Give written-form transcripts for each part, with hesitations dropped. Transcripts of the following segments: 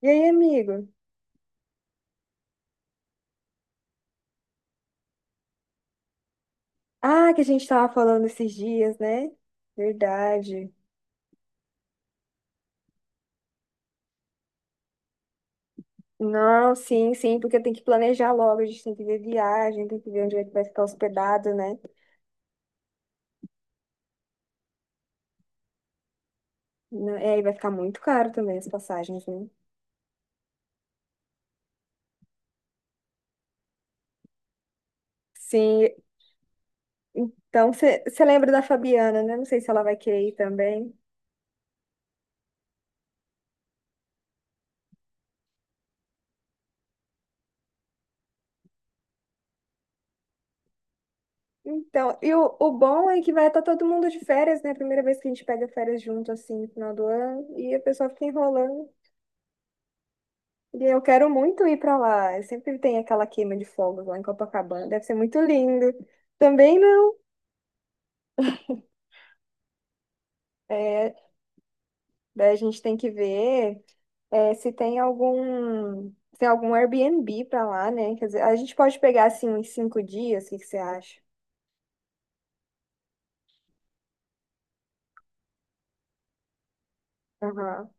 E aí, amigo? Ah, que a gente tava falando esses dias, né? Verdade. Não, sim, sim, porque tem que planejar logo, a gente tem que ver viagem, tem que ver onde é que vai ficar hospedado, né? É, e vai ficar muito caro também as passagens, né? Sim, então você lembra da Fabiana, né? Não sei se ela vai querer ir também. Então, e o bom é que vai estar todo mundo de férias, né? Primeira vez que a gente pega férias junto, assim, no final do ano, e a pessoa fica enrolando. E eu quero muito ir para lá. Eu sempre tem aquela queima de fogos lá em Copacabana. Deve ser muito lindo. Também não. É, daí a gente tem que ver se tem algum Airbnb para lá, né? Quer dizer, a gente pode pegar assim uns 5 dias. O que que você acha? Aham.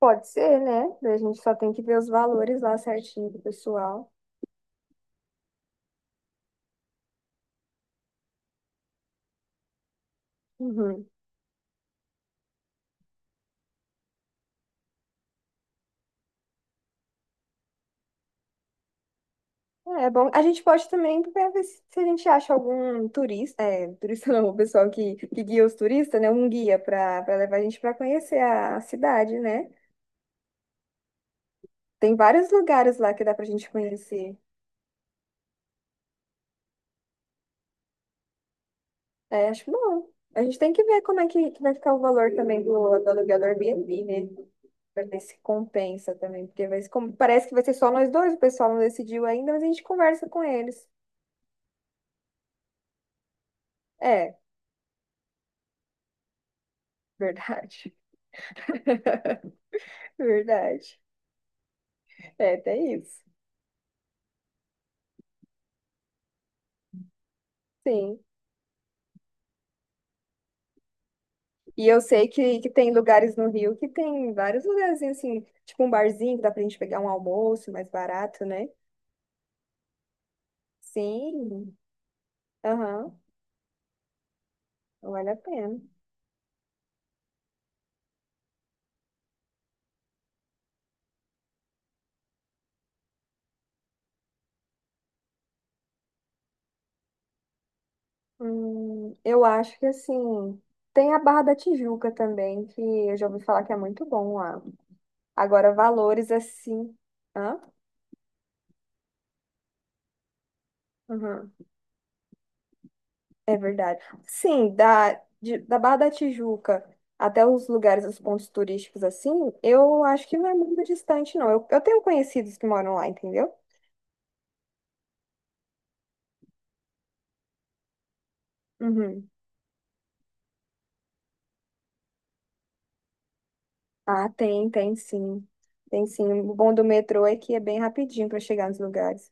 Pode ser, né? Daí a gente só tem que ver os valores lá certinho do pessoal. Uhum. É bom. A gente pode também ver se a gente acha algum turista, turista não, o pessoal que guia os turistas, né? Um guia para levar a gente para conhecer a cidade, né? Tem vários lugares lá que dá pra gente conhecer. É, acho bom. A gente tem que ver como é que vai ficar o valor também do aluguel do Airbnb, né? Pra ver se compensa também. Porque vai, como, parece que vai ser só nós dois, o pessoal não decidiu ainda, mas a gente conversa com eles. É, verdade. Verdade. É, tem isso. Sim. E eu sei que tem lugares no Rio que tem vários lugarzinhos assim, tipo um barzinho que dá pra gente pegar um almoço mais barato, né? Sim, aham, vale a pena. Eu acho que assim, tem a Barra da Tijuca também, que eu já ouvi falar que é muito bom lá. Agora, valores assim. Hã? Uhum. É verdade. Sim, da Barra da Tijuca até os lugares, os pontos turísticos assim, eu acho que não é muito distante, não. Eu tenho conhecidos que moram lá, entendeu? Uhum. Ah, tem, tem sim. Tem sim. O bom do metrô é que é bem rapidinho para chegar nos lugares.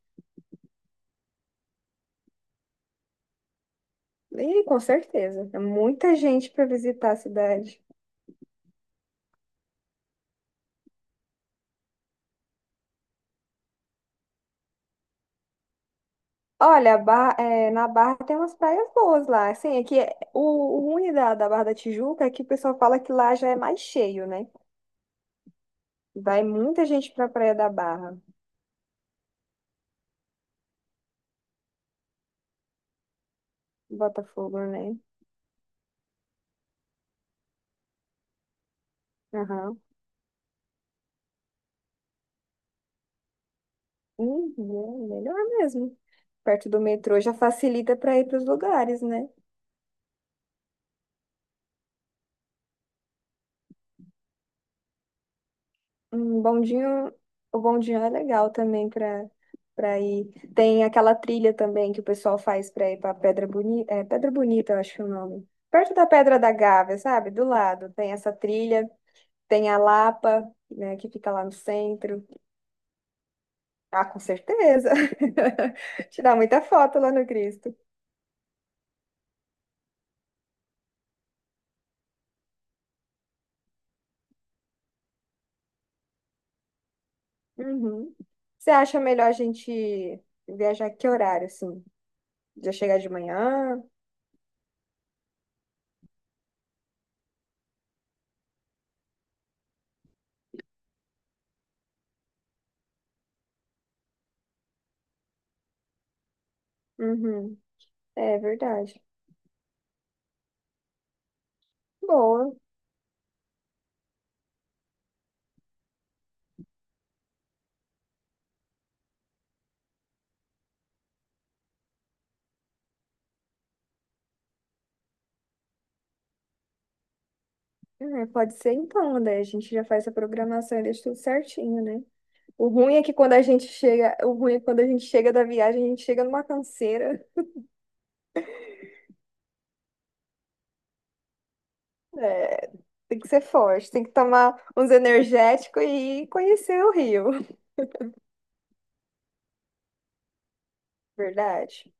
E com certeza, é muita gente para visitar a cidade. Olha, a Barra- é, na Barra tem umas praias boas lá. Assim, é que é, o ruim da Barra da Tijuca é que o pessoal fala que lá já é mais cheio, né? Vai muita gente pra Praia da Barra, Botafogo, né? Aham. Uhum, melhor mesmo. Perto do metrô já facilita para ir para os lugares, né? Um bondinho, o bondinho é legal também para ir. Tem aquela trilha também que o pessoal faz para ir para Pedra Bonita, é Pedra Bonita, eu acho o nome. Perto da Pedra da Gávea, sabe? Do lado tem essa trilha, tem a Lapa, né, que fica lá no centro. Ah, com certeza. Tirar muita foto lá no Cristo. Uhum. Você acha melhor a gente viajar que horário, assim? Já chegar de manhã? Uhum. É verdade. Boa. É, pode ser então, né? A gente já faz a programação e deixa tudo certinho, né? O ruim é que quando a gente chega, o ruim é que quando a gente chega da viagem, a gente chega numa canseira. É, tem que ser forte, tem que tomar uns energéticos e conhecer o Rio. Verdade.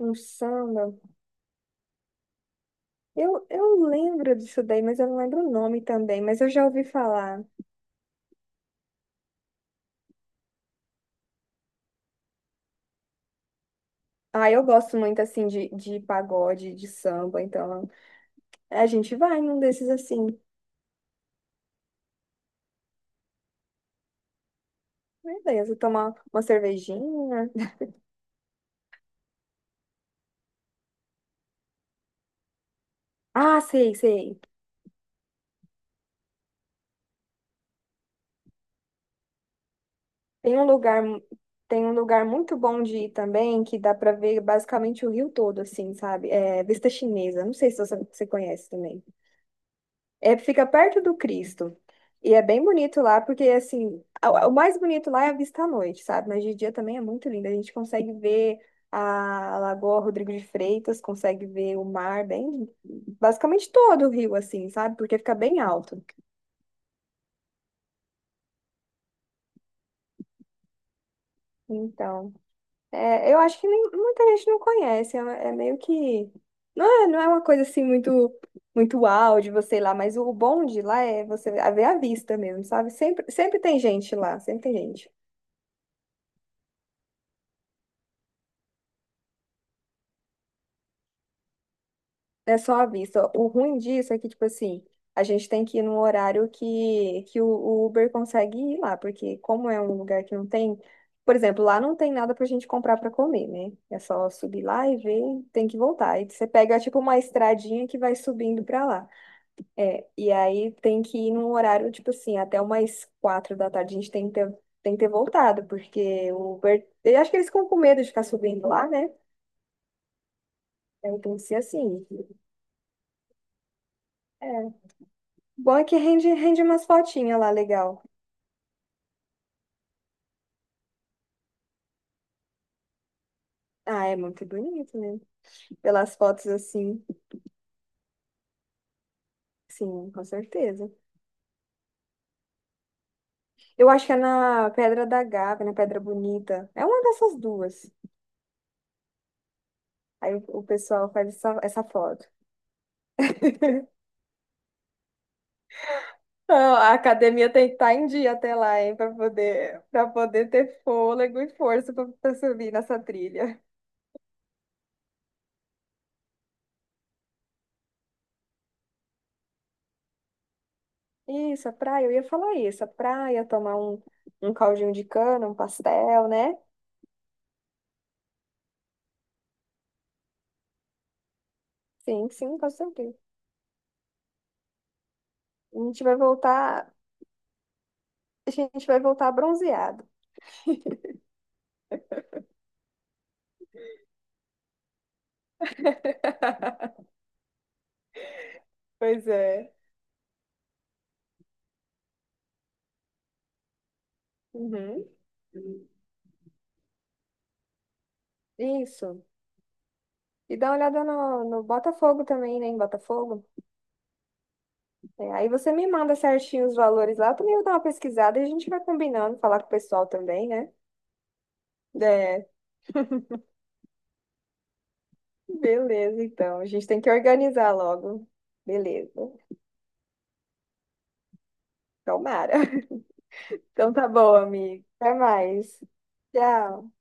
Um samba. Eu lembro disso daí, mas eu não lembro o nome também, mas eu já ouvi falar. Ah, eu gosto muito assim de pagode, de samba, então é, a gente vai num desses assim. Né? Beleza, tomar uma cervejinha. Ah, sei, sei. Tem um lugar, tem um lugar muito bom de ir também, que dá pra ver basicamente o Rio todo, assim, sabe? É Vista Chinesa. Não sei se você conhece também. É, fica perto do Cristo. E é bem bonito lá, porque assim, a- o mais bonito lá é a vista à noite, sabe? Mas de dia também é muito lindo. A gente consegue ver a Lagoa Rodrigo de Freitas, consegue ver o mar bem, basicamente todo o rio, assim, sabe? Porque fica bem alto. Então, é, eu acho que nem- muita gente não conhece. É, é meio que. Não é, não é uma coisa assim muito, muito uau de você ir lá, mas o bom de lá é você é ver a vista mesmo, sabe? Sempre, sempre tem gente lá, sempre tem gente. É só à vista. O ruim disso é que, tipo assim, a gente tem que ir num horário que o Uber consegue ir lá, porque como é um lugar que não tem, por exemplo, lá não tem nada pra gente comprar pra comer, né? É só subir lá e ver, tem que voltar. E você pega, tipo, uma estradinha que vai subindo pra lá. É, e aí tem que ir num horário, tipo assim, até umas 4 da tarde a gente tem que ter, voltado, porque o Uber. Eu acho que eles ficam com medo de ficar subindo lá, né? Então, tem que ser assim. É, bom é que rende, rende umas fotinhas lá, legal. Ah, é muito bonito, né? Pelas fotos assim, sim, com certeza. Eu acho que é na Pedra da Gávea, na Pedra Bonita. É uma dessas duas. Aí o pessoal faz essa, foto. Ah, a academia tem que estar em dia até lá, hein, para poder ter fôlego e força para subir nessa trilha. Isso, a praia, eu ia falar isso, a praia, tomar um caldinho de cana, um pastel, né? Sim, sim, com certeza. A gente vai voltar. A gente vai voltar bronzeado. Pois é. Uhum. Isso. E dá uma olhada no Botafogo também, né? Em Botafogo. É, aí você me manda certinho os valores lá, eu também vou dar uma pesquisada e a gente vai combinando, falar com o pessoal também, né? É, beleza, então. A gente tem que organizar logo. Beleza. Tomara. Então tá bom, amigo. Até mais. Tchau.